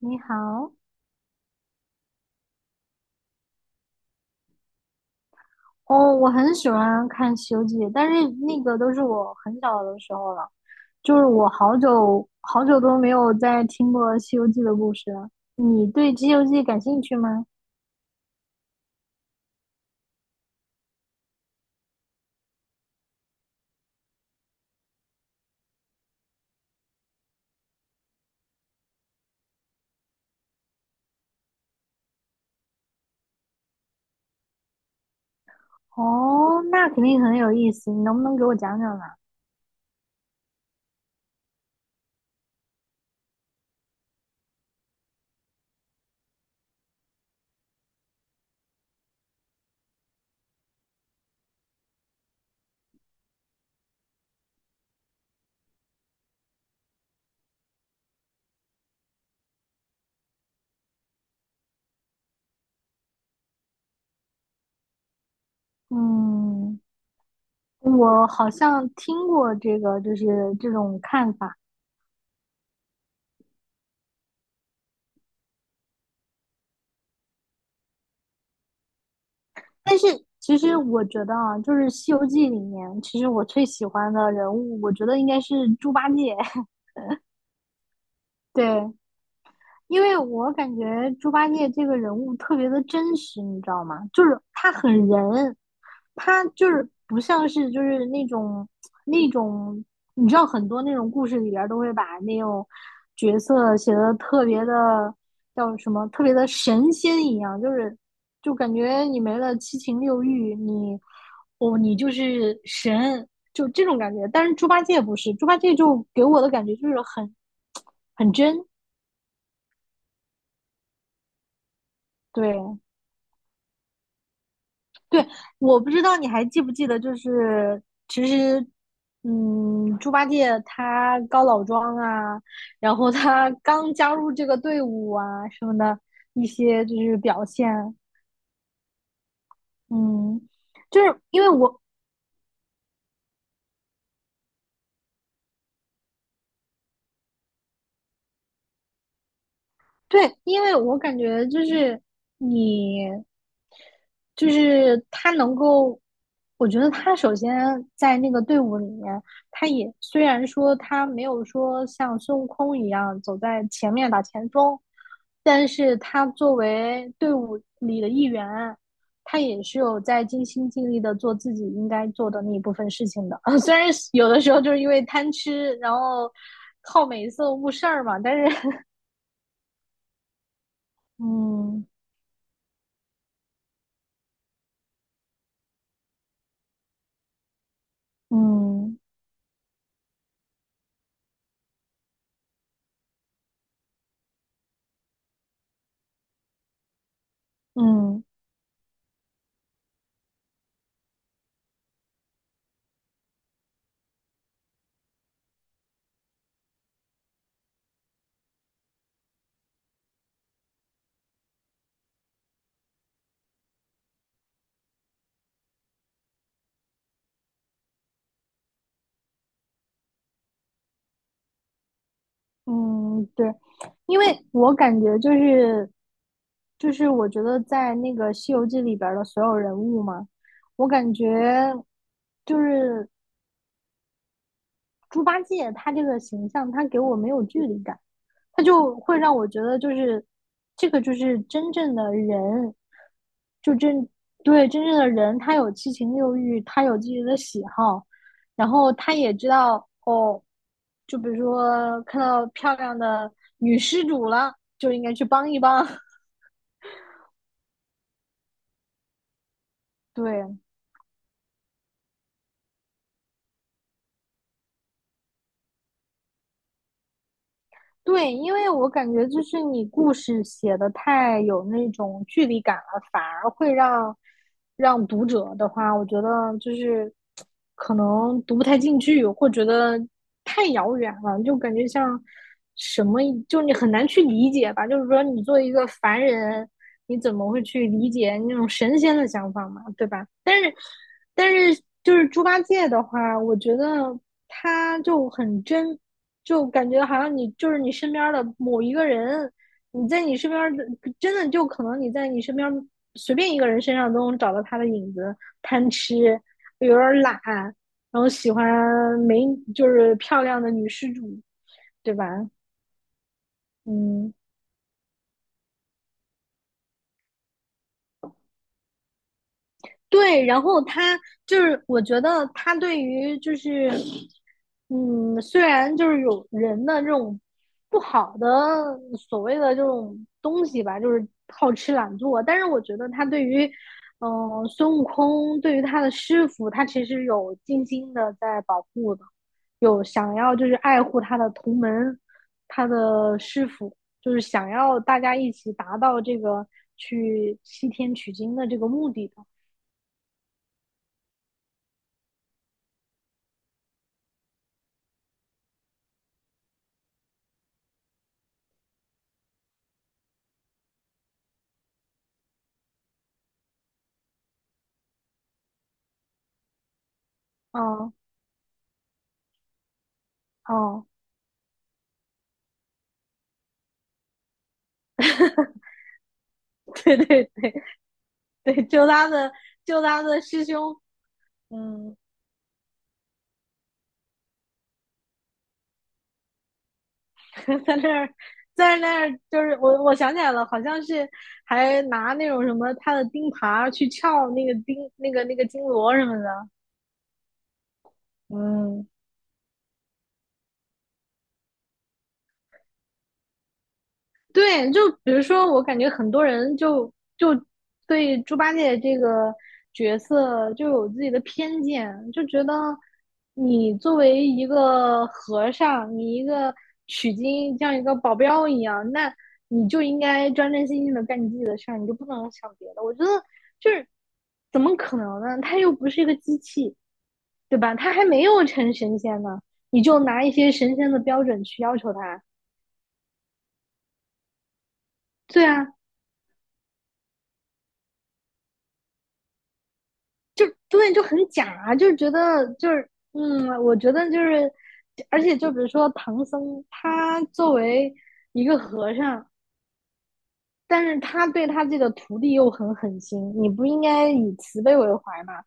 你好。哦，我很喜欢看《西游记》，但是那个都是我很小的时候了，就是我好久好久都没有再听过《西游记》的故事了。你对《西游记》感兴趣吗？哦，那肯定很有意思，你能不能给我讲讲呢？嗯，我好像听过这个，就是这种看法，但是其实我觉得啊，就是《西游记》里面，其实我最喜欢的人物，我觉得应该是猪八戒。对。因为我感觉猪八戒这个人物特别的真实，你知道吗？就是他很人，他就是不像是就是那种那种，你知道很多那种故事里边都会把那种角色写的特别的叫什么，特别的神仙一样，就是就感觉你没了七情六欲，你就是神，就这种感觉。但是猪八戒不是，猪八戒就给我的感觉就是很真。对。对，我不知道你还记不记得，就是其实，嗯，猪八戒他高老庄啊，然后他刚加入这个队伍啊什么的一些就是表现。嗯，就是因为我，对，因为我感觉就是你，就是他能够，我觉得他首先在那个队伍里面，他也虽然说他没有说像孙悟空一样走在前面打前锋，但是他作为队伍里的一员，他也是有在尽心尽力的做自己应该做的那一部分事情的。虽然有的时候就是因为贪吃，然后靠美色误事儿嘛，但是 嗯。嗯嗯嗯，对，因为我感觉就是，我觉得在那个《西游记》里边儿的所有人物嘛，我感觉就是猪八戒他这个形象，他给我没有距离感。他就会让我觉得，就是这个就是真正的人，就真，对，真正的人，他有七情六欲，他有自己的喜好，然后他也知道就比如说看到漂亮的女施主了，就应该去帮一帮。对。对，因为我感觉就是你故事写的太有那种距离感了，反而会让读者的话，我觉得就是可能读不太进去，或觉得太遥远了，就感觉像什么，就你很难去理解吧。就是说，你作为一个凡人，你怎么会去理解那种神仙的想法嘛，对吧？但是，就是猪八戒的话，我觉得他就很真，就感觉好像你就是你身边的某一个人，你在你身边的真的就可能你在你身边随便一个人身上都能找到他的影子，贪吃，有点懒，然后喜欢美，就是漂亮的女施主，对吧？嗯，对，然后他就是我觉得他对于就是，嗯，虽然就是有人的这种不好的所谓的这种东西吧，就是好吃懒做，但是我觉得他对于嗯、孙悟空，对于他的师傅，他其实有精心的在保护的，有想要就是爱护他的同门，他的师傅，就是想要大家一起达到这个去西天取经的这个目的的。哦哦。对对对，就他的师兄，嗯。在那儿，就是我想起来了，好像是还拿那种什么他的钉耙去撬那个钉那个金锣什么的。嗯。对，就比如说，我感觉很多人就对猪八戒这个角色就有自己的偏见，就觉得你作为一个和尚，你一个取经像一个保镖一样，那你就应该专专心心的干你自己的事儿，你就不能想别的。我觉得就是怎么可能呢？他又不是一个机器，对吧？他还没有成神仙呢，你就拿一些神仙的标准去要求他。对啊，就对，就很假啊，就是觉得就是嗯，我觉得就是，而且就比如说唐僧，他作为一个和尚，但是他对他自己的徒弟又很狠心，你不应该以慈悲为怀吗？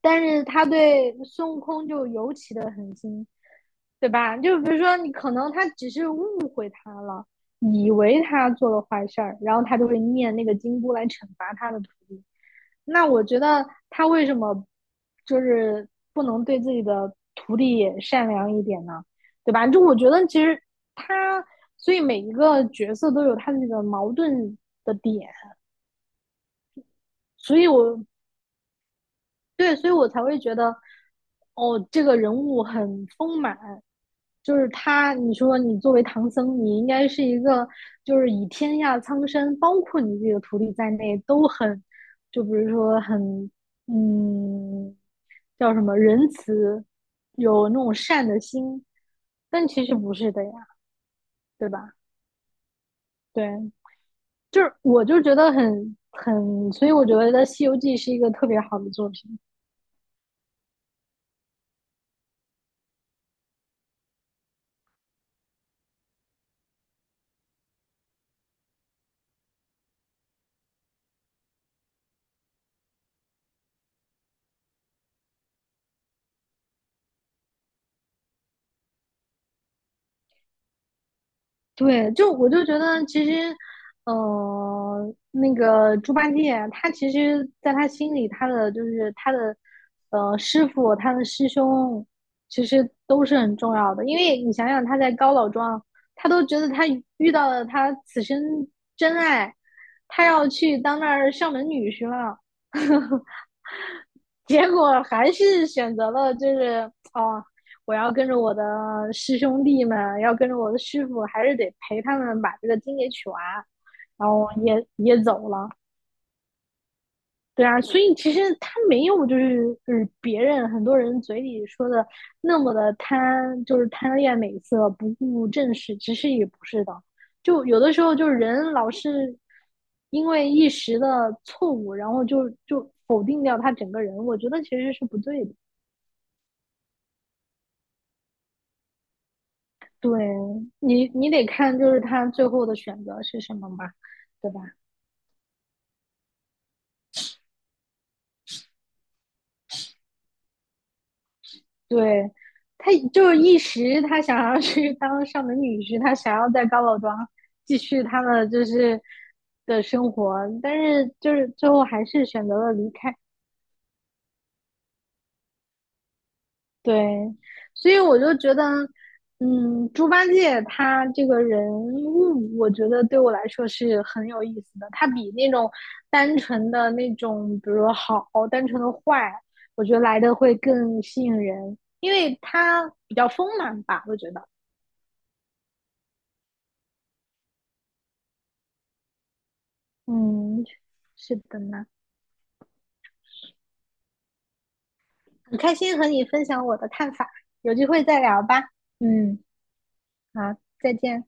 但是他对孙悟空就尤其的狠心，对吧？就比如说你可能他只是误会他了，以为他做了坏事儿，然后他就会念那个金箍来惩罚他的徒弟。那我觉得他为什么就是不能对自己的徒弟也善良一点呢？对吧？就我觉得其实他，所以每一个角色都有他的那个矛盾的点，所以我，对，所以我才会觉得，哦，这个人物很丰满。就是他，你说你作为唐僧，你应该是一个，就是以天下苍生，包括你自己的徒弟在内，都很，就比如说很，嗯，叫什么仁慈，有那种善的心。但其实不是的呀，对吧？对，就是我就觉得很，所以我觉得《西游记》是一个特别好的作品。对，就我就觉得其实，那个猪八戒他其实在他心里，他的就是他的，师傅，他的师兄，其实都是很重要的。因为你想想，他在高老庄，他都觉得他遇到了他此生真爱，他要去当那儿上门女婿了。结果还是选择了就是我要跟着我的师兄弟们，要跟着我的师傅，还是得陪他们把这个经给取完，然后也走了。对啊，所以其实他没有就是，别人很多人嘴里说的那么的贪，就是贪恋美色，不顾正事，其实也不是的。就有的时候就是人老是因为一时的错误，然后就否定掉他整个人，我觉得其实是不对的。对，你得看就是他最后的选择是什么嘛，对吧？对，他就是一时他想要去当上门女婿，他想要在高老庄继续他的就是的生活，但是就是最后还是选择了离开。对，所以我就觉得，嗯，猪八戒他这个人物，我觉得对我来说是很有意思的。他比那种单纯的那种，比如说好，单纯的坏，我觉得来的会更吸引人，因为他比较丰满吧，我觉得。嗯，是的呢，很开心和你分享我的看法，有机会再聊吧。嗯，好，再见。